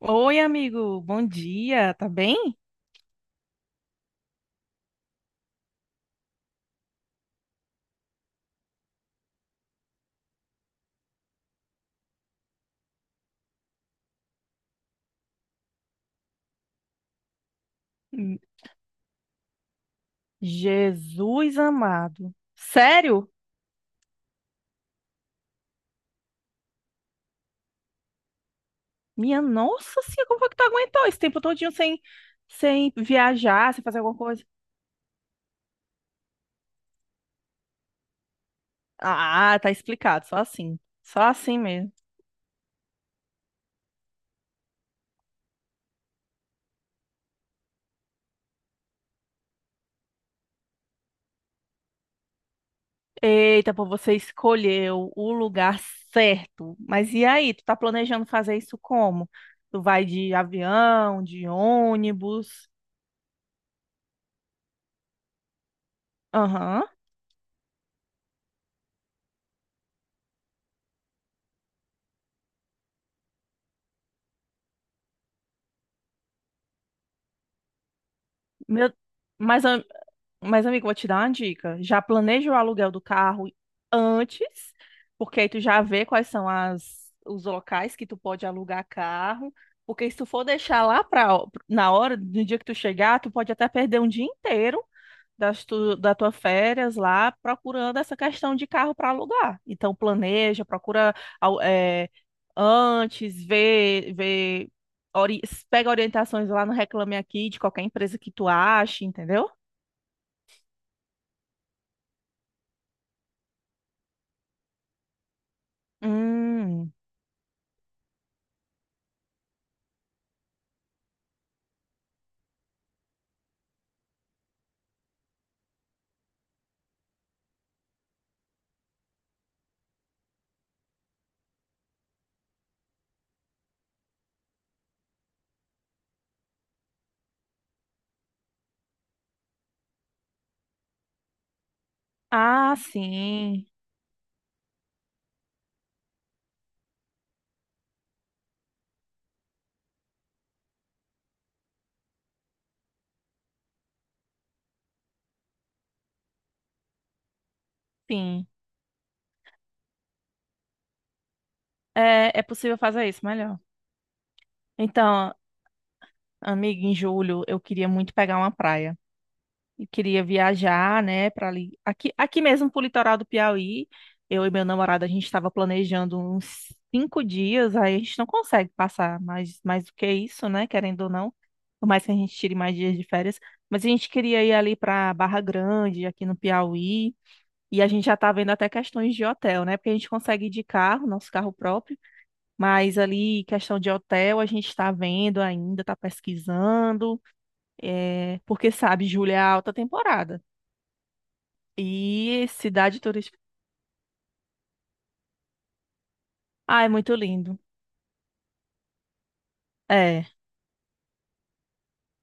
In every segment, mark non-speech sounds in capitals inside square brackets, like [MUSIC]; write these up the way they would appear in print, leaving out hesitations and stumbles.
Oi, amigo, bom dia, tá bem? Hum, Jesus amado. Sério? Minha nossa senhora, como foi que tu aguentou esse tempo todinho sem viajar, sem fazer alguma coisa? Ah, tá explicado, só assim. Só assim mesmo. Eita, pô, você escolheu o lugar certo. Mas e aí, tu tá planejando fazer isso como? Tu vai de avião, de ônibus? Aham. Meu, mas Mas, amigo, vou te dar uma dica. Já planeja o aluguel do carro antes, porque aí tu já vê quais são as, os locais que tu pode alugar carro. Porque se tu for deixar lá pra, na hora, no dia que tu chegar, tu pode até perder um dia inteiro das tu, da tua férias lá procurando essa questão de carro para alugar. Então, planeja, procura au- é, antes, vê, ori- pega orientações lá no Reclame Aqui de qualquer empresa que tu ache, entendeu? Hum, Ah, sim, sim. É possível fazer isso melhor. Então, amiga, em julho eu queria muito pegar uma praia. E queria viajar, né, para ali. Aqui, aqui mesmo pro litoral do Piauí, eu e meu namorado, a gente estava planejando uns 5 dias, aí a gente não consegue passar mais do que isso, né, querendo ou não. Por mais que a gente tire mais dias de férias. Mas a gente queria ir ali para Barra Grande, aqui no Piauí. E a gente já tá vendo até questões de hotel, né? Porque a gente consegue ir de carro, nosso carro próprio. Mas ali, questão de hotel, a gente está vendo ainda, está pesquisando, porque sabe, julho é a alta temporada. E cidade turística. Ah, é muito lindo. É,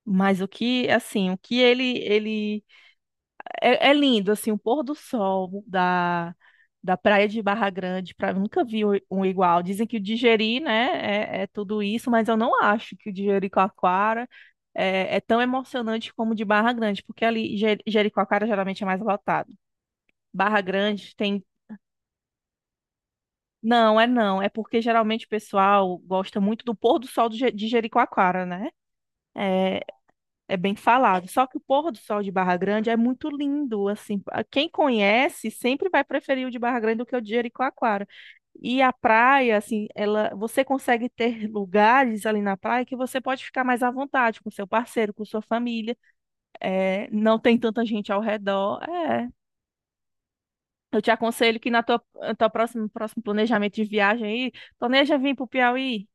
mas o que, assim, o que ele. É lindo, assim, o pôr do sol da praia de Barra Grande, nunca vi um igual. Dizem que o Digeri, né, é tudo isso, mas eu não acho que o de Jericoacoara é tão emocionante como o de Barra Grande, porque ali Jericoacoara geralmente é mais lotado. Barra Grande tem. Não, é não, é porque geralmente o pessoal gosta muito do pôr do sol do de Jericoacoara, né? É, É bem falado. Só que o pôr do sol de Barra Grande é muito lindo, assim. Quem conhece sempre vai preferir o de Barra Grande do que o de Jericoacoara. E a praia, assim, ela, você consegue ter lugares ali na praia que você pode ficar mais à vontade com seu parceiro, com sua família. É, não tem tanta gente ao redor. É. Eu te aconselho que na tua próxima, próximo planejamento de viagem aí, planeja vir para o Piauí.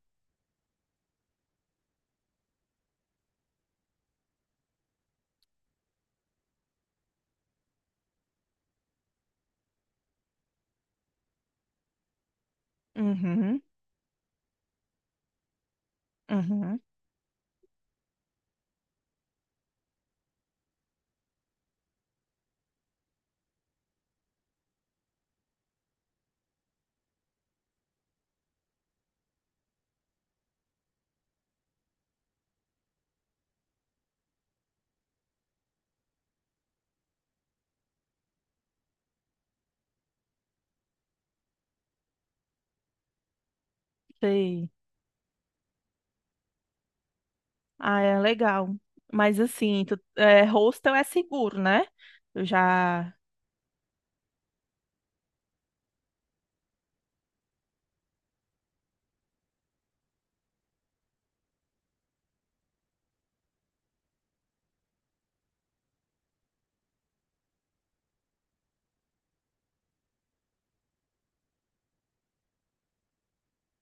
Uhum, uhum. Sei. Ah, é legal. Mas assim, tu, hostel é seguro, né? Eu já.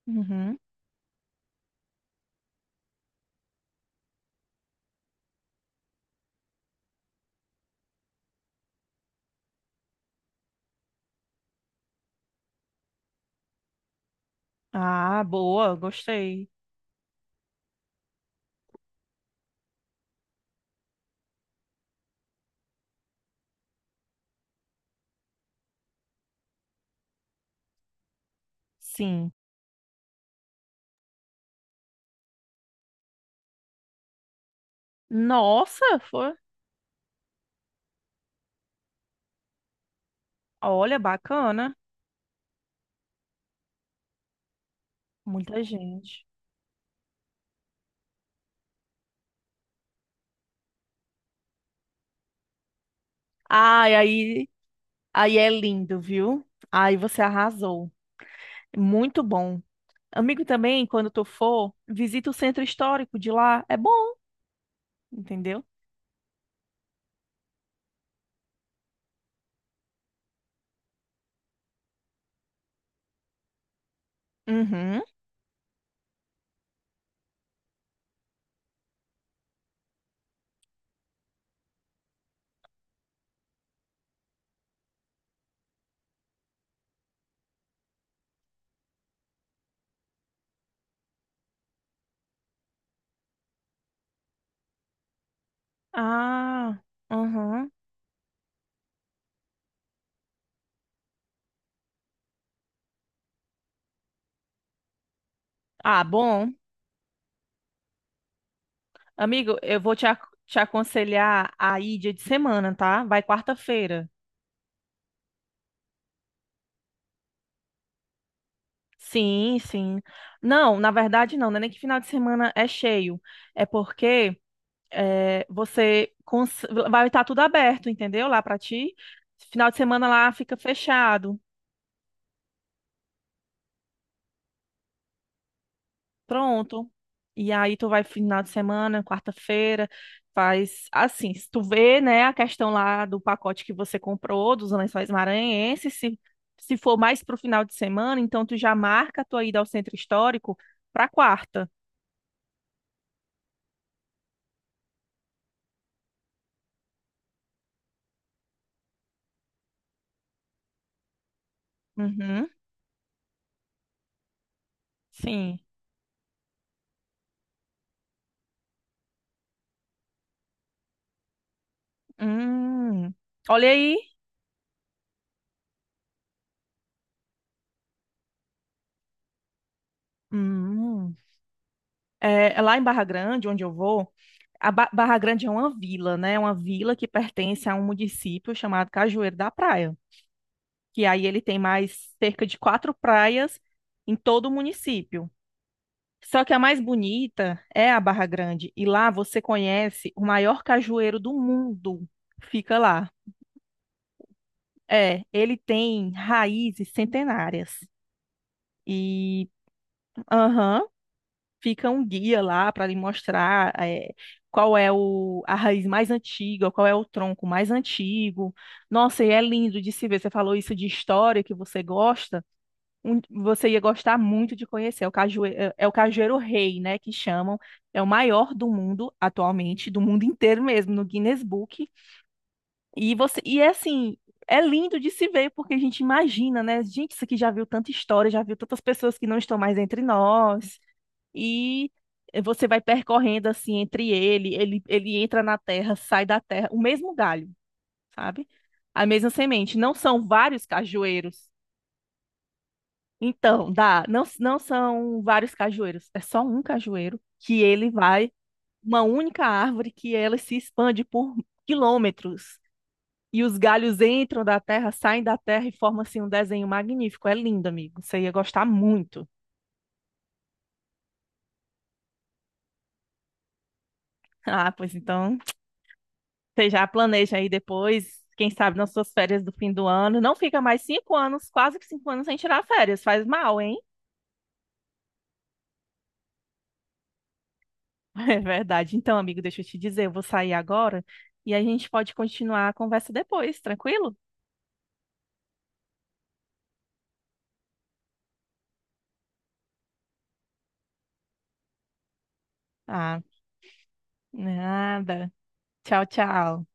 Uhum. Ah, boa, gostei. Sim. Nossa, foi. Olha, bacana. Muita gente. Ai, aí é lindo, viu? Aí você arrasou. Muito bom. Amigo, também, quando tu for, visita o centro histórico de lá. É bom, entendeu? Uhum. Ah, uhum. Ah, bom. Amigo, eu vou te aconselhar a ir dia de semana, tá? Vai quarta-feira. Sim, sim. Não, na verdade não, não é nem que final de semana é cheio. É porque você vai estar tudo aberto, entendeu? Lá pra ti. Final de semana lá fica fechado. Pronto. E aí tu vai final de semana, quarta-feira, faz assim, se tu vê, né, a questão lá do pacote que você comprou, dos Lençóis Maranhenses, se for mais pro final de semana, então tu já marca a tua ida ao centro histórico pra quarta. Uhum, sim. Hum. Olha aí. Hum. É lá em Barra Grande, onde eu vou, a Barra Grande é uma vila, né? Uma vila que pertence a um município chamado Cajueiro da Praia, que aí ele tem mais cerca de quatro praias em todo o município. Só que a mais bonita é a Barra Grande, e lá você conhece o maior cajueiro do mundo. Fica lá. É, ele tem raízes centenárias. E, aham, fica um guia lá para lhe mostrar qual é o, a raiz mais antiga, qual é o tronco mais antigo. Nossa, e é lindo de se ver. Você falou isso de história que você gosta. Você ia gostar muito de conhecer. É o cajueiro, é o cajueiro rei, né, que chamam. É o maior do mundo atualmente, do mundo inteiro mesmo, no Guinness Book. E você, e é assim, é lindo de se ver, porque a gente imagina, né? Gente, isso aqui já viu tanta história, já viu tantas pessoas que não estão mais entre nós. E você vai percorrendo assim entre ele, ele entra na terra, sai da terra, o mesmo galho, sabe? A mesma semente. Não são vários cajueiros, então, dá. Não, não são vários cajueiros, é só um cajueiro que ele vai, uma única árvore que ela se expande por quilômetros. E os galhos entram da terra, saem da terra e formam assim um desenho magnífico. É lindo, amigo. Você ia gostar muito. [LAUGHS] Ah, pois então, você já planeja aí depois, quem sabe nas suas férias do fim do ano. Não fica mais 5 anos, quase que 5 anos sem tirar férias. Faz mal, hein? [LAUGHS] É verdade. Então, amigo, deixa eu te dizer, eu vou sair agora e a gente pode continuar a conversa depois, tranquilo? Ah, nada. Tchau, tchau.